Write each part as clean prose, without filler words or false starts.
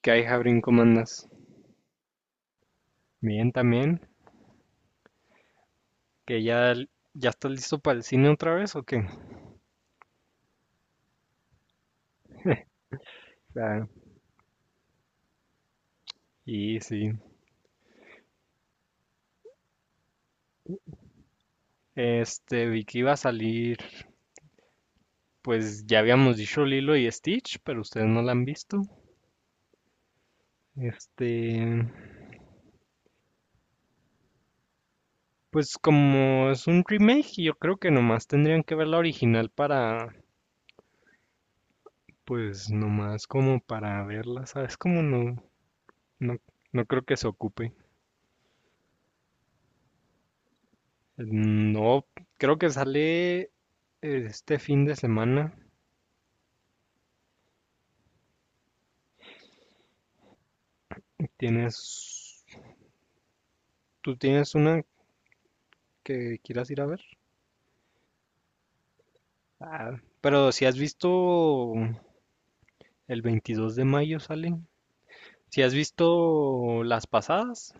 ¿Qué hay, Jabrín? ¿Cómo andas? Bien, también. ¿Que ya estás listo para el cine otra vez o qué? Claro. Y sí. Vi que iba a salir, pues ya habíamos dicho Lilo y Stitch, pero ustedes no la han visto. Este, pues como es un remake, yo creo que nomás tendrían que ver la original para, pues nomás como para verla, ¿sabes? Como no, no, no creo que se ocupe. No, creo que sale este fin de semana. ¿Tienes, tú tienes una que quieras ir a ver? Ah, pero si has visto el 22 de mayo salen, si has visto las pasadas,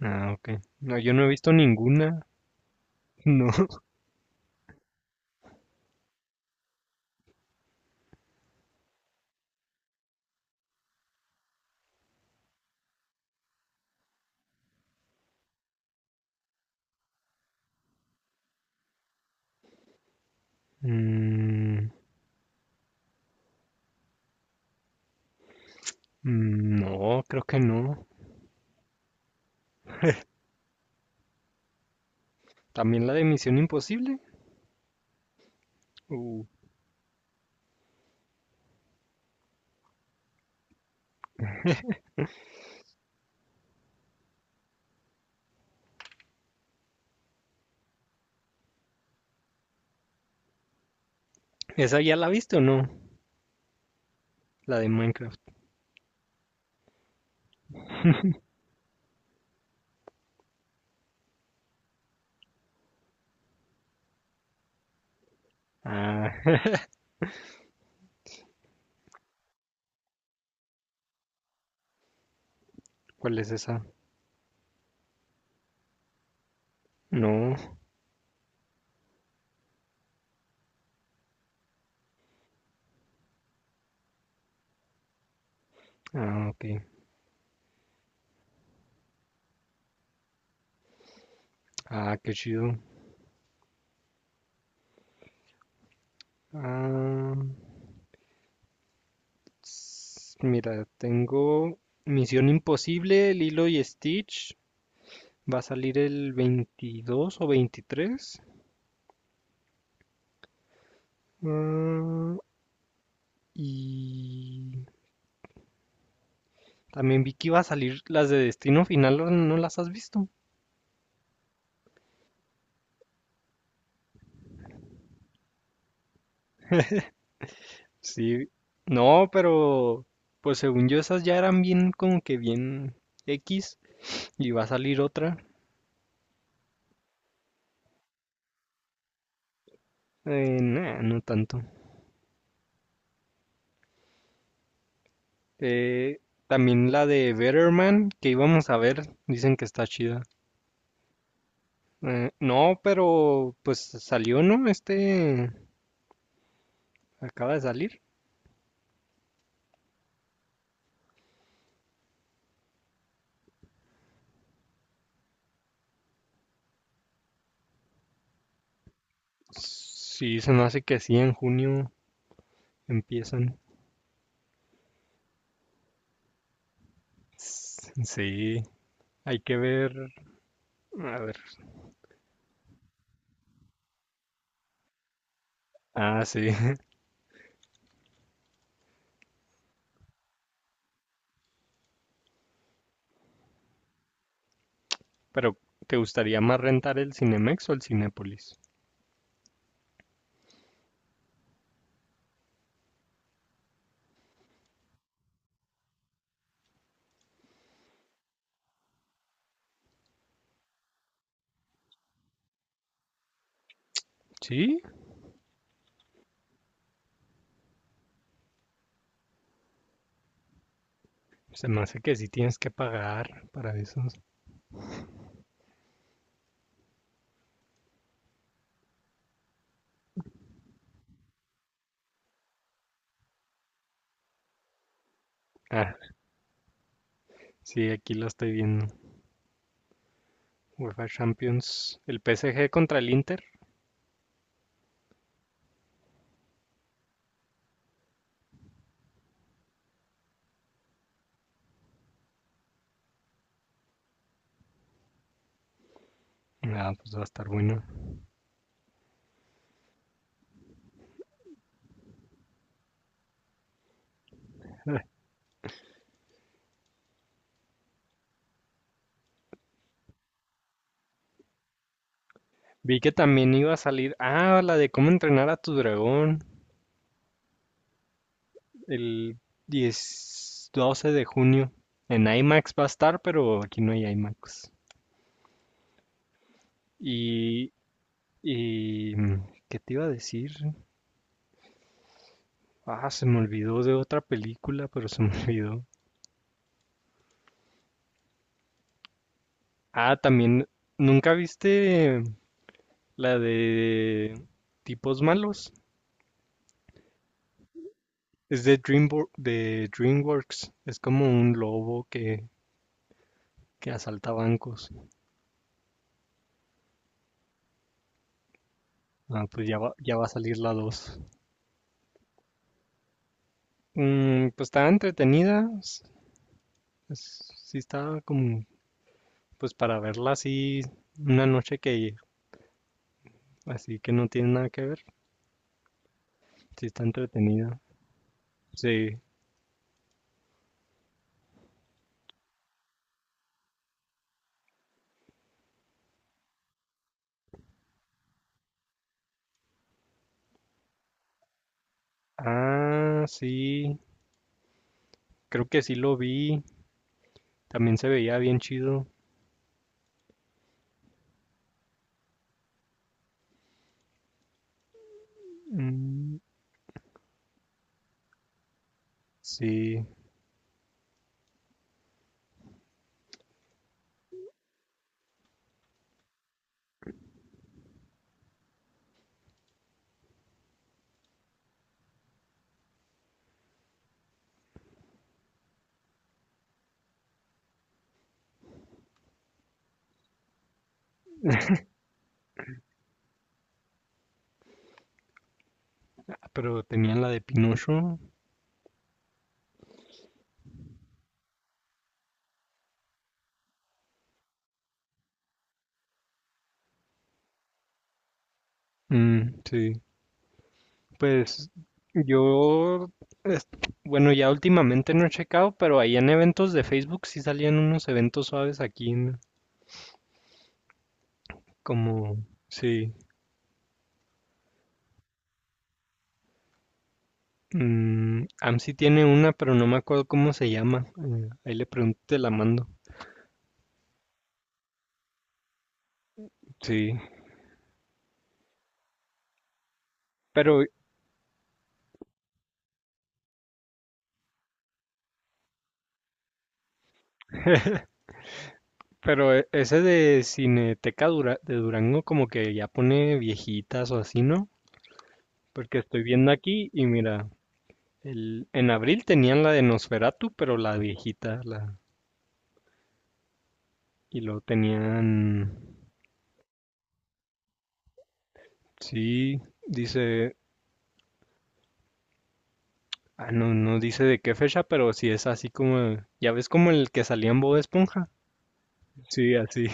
ah, ok. No, yo no he visto ninguna, no. Mm, no, creo que no. También la de Misión Imposible. Uh, ¿Esa ya la viste o no? La de Minecraft. Ah, ¿cuál es esa? No. Ah, ok. Ah, qué chido. Ah, mira, tengo Misión Imposible, Lilo y Stitch. Va a salir el 22 o 23. Ah, y también vi que iba a salir las de Destino Final, ¿no no las has visto? Sí. No, pero pues según yo esas ya eran bien como que bien X y va a salir otra. Nah, no tanto. Eh, también la de Better Man que íbamos a ver, dicen que está chida. No, pero pues salió, ¿no? Acaba de salir. Sí, se me hace que sí, en junio empiezan. S- Sí, hay que ver. A ver. Ah, sí. Pero, ¿te gustaría más rentar el Cinemex o el Cinépolis? Sí, se me hace que sí tienes que pagar para esos. Ah, sí, aquí lo estoy viendo. UEFA Champions, el PSG contra el Inter. Ah, pues va a estar bueno. Vi que también iba a salir. Ah, la de cómo entrenar a tu dragón. El 10, 12 de junio. En IMAX va a estar, pero aquí no hay IMAX. Y, ¿qué te iba a decir? Ah, se me olvidó de otra película, pero se me olvidó. Ah, también, ¿nunca viste la de tipos malos? Es de DreamWorks. Es como un lobo que asalta bancos. Ah, pues ya va a salir la 2. Mm, pues está entretenida. Sí está como, pues para verla así una noche que, así que no tiene nada que ver. Sí está entretenida. Sí. Ah, sí. Creo que sí lo vi. También se veía bien chido. Mm, sí. Ah, pero tenían la de Pinocho. Mm, sí. Pues yo, es- bueno, ya últimamente no he checado, pero ahí en eventos de Facebook sí salían unos eventos suaves aquí, como, sí, AMSI tiene una, pero no me acuerdo cómo se llama. Eh, ahí le pregunto, y te la mando. Sí, pero, pero ese de Cineteca de Durango como que ya pone viejitas o así, ¿no? Porque estoy viendo aquí y mira, el, en abril tenían la de Nosferatu, pero la viejita, la... Y lo tenían, sí, dice, ah, no, no dice de qué fecha, pero sí es así como, ya ves como el que salía en Bob Esponja. Sí, así,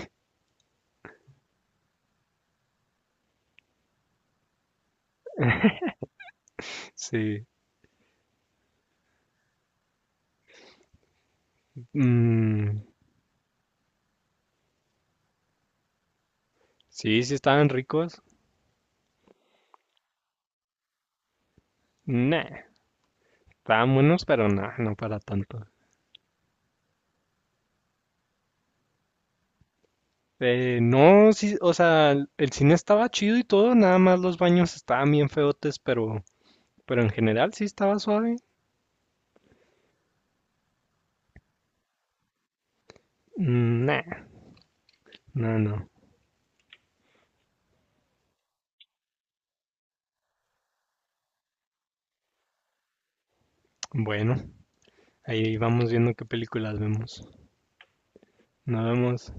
sí. Mm, sí, sí estaban ricos. Nah, estaban buenos, pero nah, no para tanto. No, sí, o sea, el cine estaba chido y todo, nada más los baños estaban bien feotes, pero en general sí estaba suave. Mm, nah, no, no. Bueno, ahí vamos viendo qué películas vemos. Nos vemos.